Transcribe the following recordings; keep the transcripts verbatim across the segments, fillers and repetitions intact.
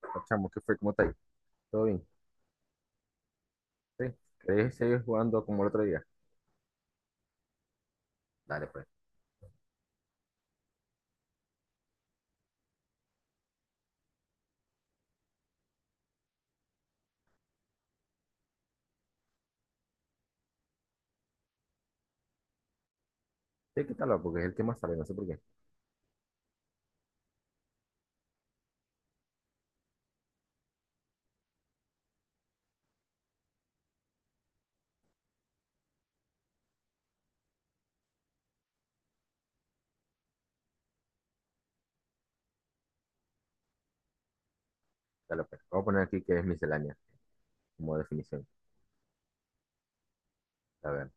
Pues, Chamo, ¿qué fue? ¿Cómo está ahí? ¿Todo bien? Sí. ¿Querés seguir jugando como el otro día? Dale, pues. Sí, quítalo, porque es el que más sabe, no sé por qué. Dale, pues. Vamos a poner aquí que es miscelánea, como definición. A ver.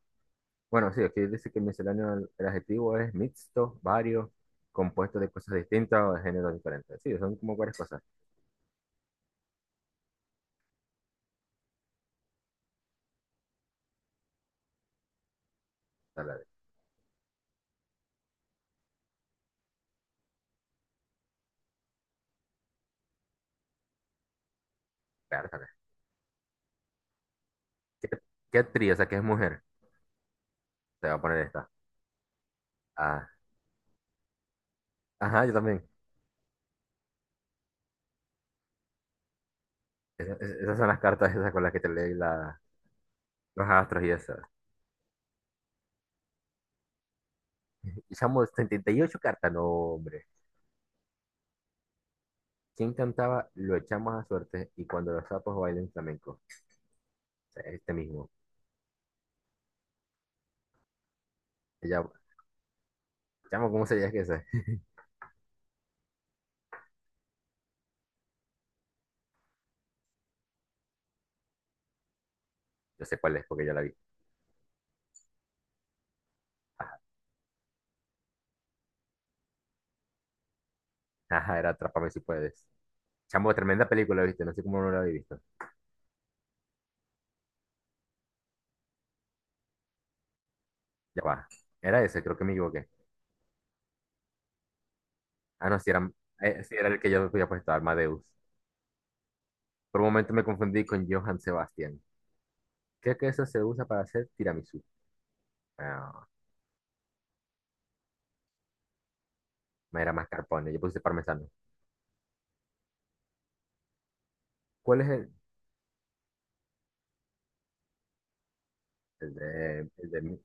Bueno, sí, aquí dice que miscelánea el adjetivo es mixto, varios, compuesto de cosas distintas o de géneros diferentes. Sí, son como varias cosas. Dale, dale. Pértale. ¿Qué, qué tri? O sea, que es mujer. Te va a poner esta. Ah, ajá, yo también. Esa- es- esas son las cartas esas con las que te leí la, los astros y esas. Y chamo, setenta y ocho cartas, no, hombre. ¿Quien cantaba Lo echamos a suerte y cuando los sapos bailen flamenco? O sea, este mismo. Ella, chamo, ¿cómo se llama esa? Yo sé cuál es porque ya la vi. Ajá, era Atrápame si puedes. Chamo, tremenda película, ¿viste? No sé cómo no la había visto. Ya va. Era ese, creo que me equivoqué. Ah, no, si era, eh, sí era el que yo había puesto, Armadeus. Por un momento me confundí con Johann Sebastian. ¿Qué queso se usa para hacer tiramisú? Ah, me era mascarpone, yo puse parmesano. ¿Cuál es el, el de, el de, Mi-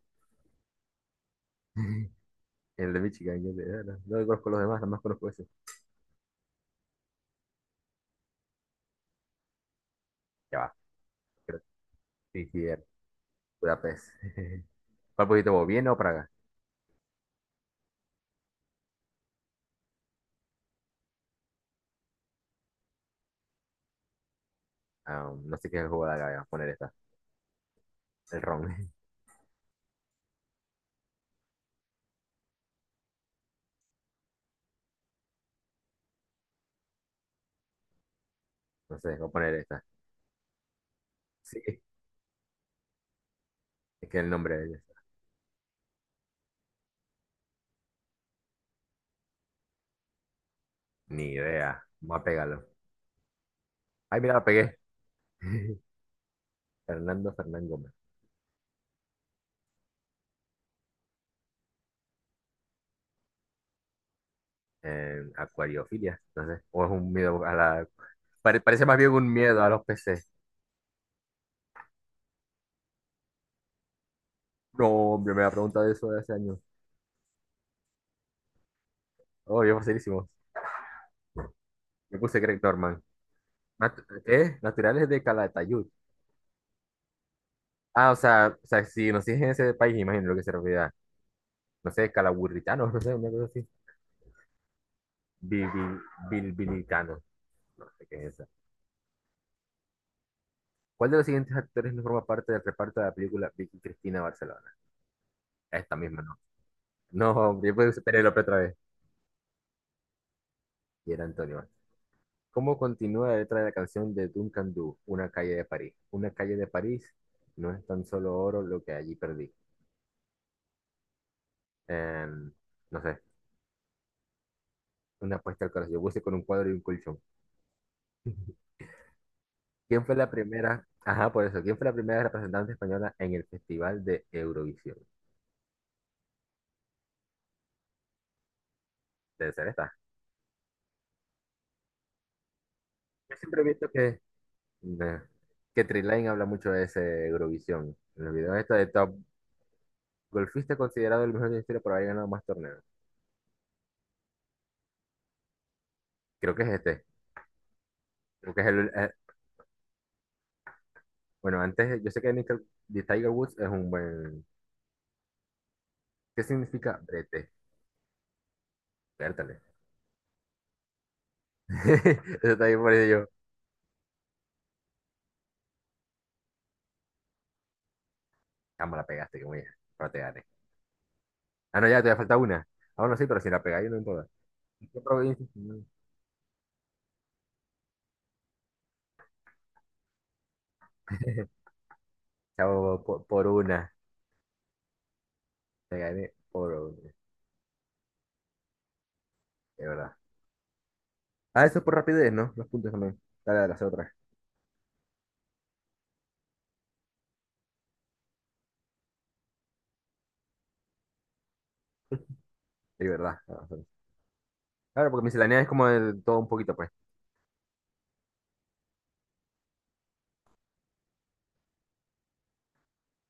el de Michigan? Yo de- no, no conozco los demás, nada más conozco ese. Ya va. Sí, sí, eh, Budapest. ¿Cuál pusiste vos? ¿Viena o Praga? Ah, no sé qué jugada acá, voy a poner esta. El ron. No sé, voy a poner esta. Sí, es que el nombre de ella. Ni idea. Vamos a pegarlo. Ay, mira, la pegué. Fernando Fernán Gómez. Eh, acuariofilia. No sé. O es un miedo a la. pare- parece más bien un miedo a los peces. No, hombre, me ha preguntado eso de hace años. Oh, yo facilísimo. Me puse Greg Norman. Nat- ¿Qué? Naturales de Calatayud. Ah, o sea, o sea, si nos siguen en ese país, imagino lo que se refiere. No sé, calaburritanos, no sé, una cosa así. Bilbi- Bilbilitanos, no sé qué es esa. ¿Cuál de los siguientes actores no forma parte del reparto de la película Vicky Cristina Barcelona? Esta misma no. No, hombre, pues Penélope otra vez. Y era Antonio. ¿Cómo continúa la letra de la canción de Duncan Du, Una calle de París? Una calle de París no es tan solo oro lo que allí perdí. Em, no sé, una apuesta al corazón. Yo puse con un cuadro y un colchón. ¿Quién fue la primera? Ajá, por eso. ¿Quién fue la primera representante española en el Festival de Eurovisión? Debe ser esta. Yo siempre he visto que, eh, que Trilane habla mucho de ese Eurovisión. En los videos esta de Top Golfista considerado el mejor de la historia por haber ganado más torneos. Creo que es este. Creo que es el, eh, bueno, antes, yo sé que Nickel, de Tiger Woods es un buen. ¿Qué significa brete? Pértale. Eso también por eso yo. Chamo, la pegaste, que muy. Pero te gané. Ah, no, ya, te falta una. Ah, no, sí, pero si la pegáis, no importa. ¿En ¿Qué provincia? Chavo, por, por una. Te gané por una. De verdad. Ah, eso es por rapidez, ¿no? Los puntos también. Dale, dale, hacer otra vez. Es verdad. Ah, sí. Claro, porque miscelánea es como de todo un poquito, pues.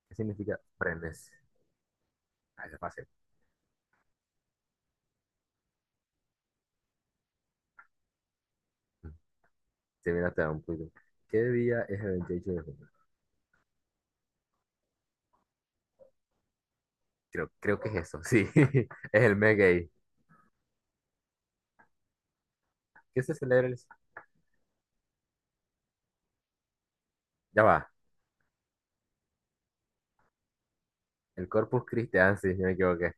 ¿Qué significa prendes? Ah, eso es fácil. Se viene hasta un poquito. ¿Qué día es el veintiocho de junio? Creo, creo que es eso, sí. Es el mes gay. ¿Qué se celebra el- Ya va. El Corpus Christi, ah, sí, yo me equivoqué.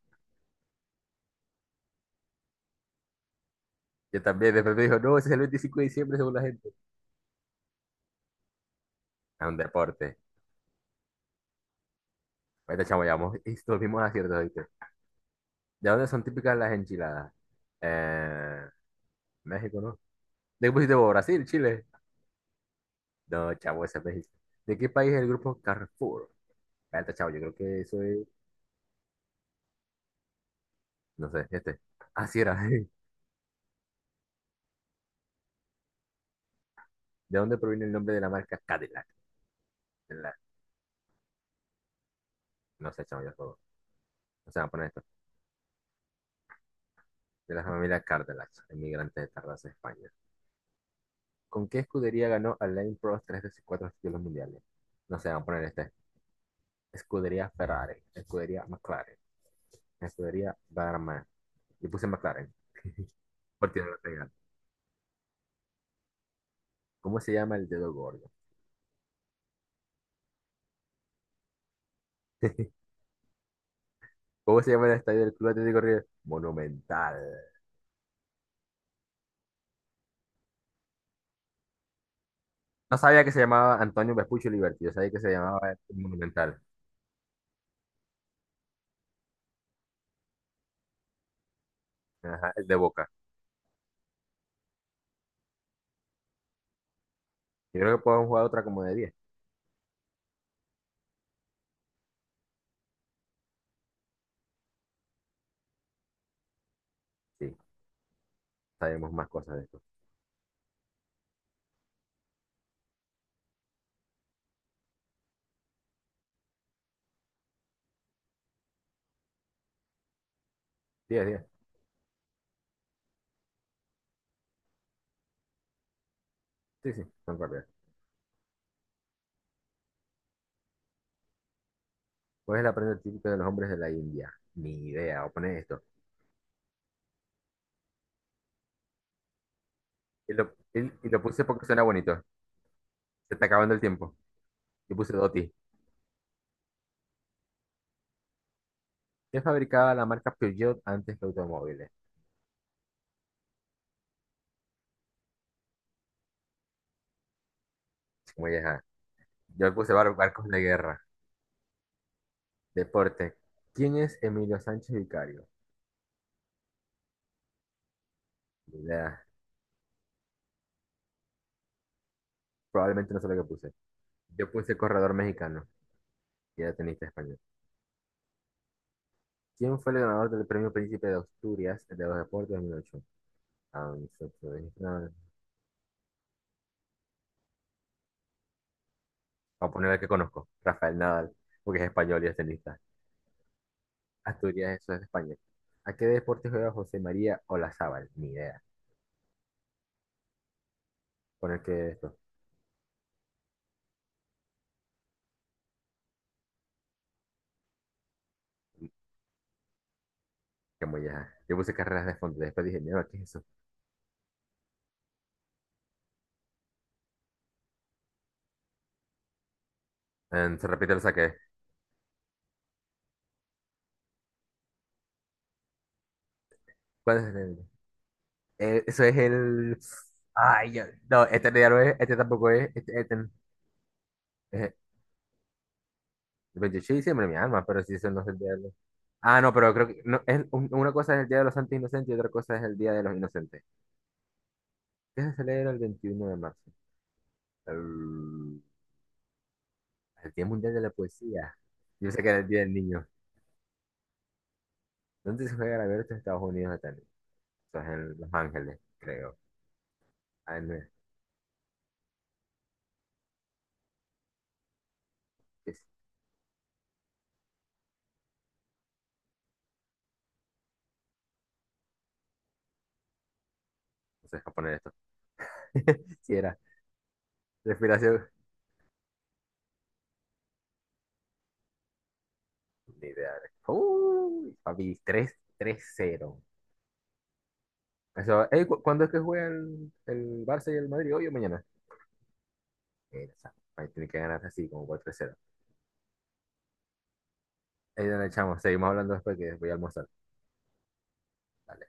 Yo también, después me dijo, no, ese es el veinticinco de diciembre según la gente. Es un deporte. Ahorita, chamo, llevamos y mismos aciertos, ¿viste? ¿De dónde son típicas las enchiladas? Eh, México, ¿no? ¿De qué pusiste vos? ¿Brasil? ¿Chile? No, chavo, ese es México. ¿De qué país es el grupo Carrefour? Espérate, chavo, yo creo que eso es, no sé, este. Así era. ¿De dónde proviene el nombre de la marca Cadillac? De la- No sé, chavo, yo juego. O sea, poner esto. De la familia Cadillac, emigrantes de Tarrasa, España. ¿Con qué escudería ganó Alain Prost tres de sus cuatro títulos mundiales? No sé, vamos a poner este. Escudería Ferrari, escudería McLaren, escudería Barman. Y puse McLaren, porque no lo tenía. ¿Cómo se llama el dedo gordo? ¿Cómo se llama el estadio del Club Atlético River? Monumental. No sabía que se llamaba Antonio Vespucci Liberty, yo sabía que se llamaba el Monumental, ajá, el de Boca. Yo creo que podemos jugar otra como de diez. Sí, sabemos más cosas de esto. Diez, diez. Sí, sí, son correctas. ¿Cuál es la prenda típica de los hombres de la India? Ni idea, voy a poner esto. Y lo, y, y lo puse porque suena bonito. Se está acabando el tiempo. Yo puse Doti. ¿Qué fabricaba la marca Peugeot antes que automóviles? Muy ajá. Yo puse bar- barcos de guerra, deporte. ¿Quién es Emilio Sánchez Vicario? Ni idea. Probablemente no sé lo que puse. Yo puse corredor mexicano, ya tenista español. ¿Quién fue el ganador del premio Príncipe de Asturias de los Deportes dos mil ocho? Ah, nosotros, eh, nada. Voy a poner el que conozco, Rafael Nadal, porque es español y es tenista. Asturias, eso es España. ¿A qué deporte juega José María Olazábal? Ni idea. Poner que esto, que muy ya. Yo puse carreras de fondo, después dije, no, ¿qué es eso? Eh, se repite, lo saqué. ¿Cuál es el? eh, eso es el. Ay, ya- no, este ya no es, este tampoco es, este, este, eh, pues yo sí, siempre mi alma, pero sí, eso no es el de. Ah, no, pero creo que no, es, un- una cosa es el Día de los Santos Inocentes y otra cosa es el Día de los Inocentes. ¿Qué se celebra el veintiuno de marzo? El, el Día Mundial de la Poesía. Yo sé que era el Día del Niño. ¿Dónde se juega la abierto de Estados Unidos de tenis? Eso es en Los Ángeles, creo. Ah, no, es, es- no sé japonés esto. Si era. Respiración. Ni idea. Uy, papi, tres tres cero. Eso, ey, ¿cu- ¿cuándo es que juega el, el Barça y el Madrid? Hoy o mañana. Eh, esa- ahí tiene que ganar así, como cuatro. Ahí donde echamos. Seguimos hablando después que voy a almorzar. Dale.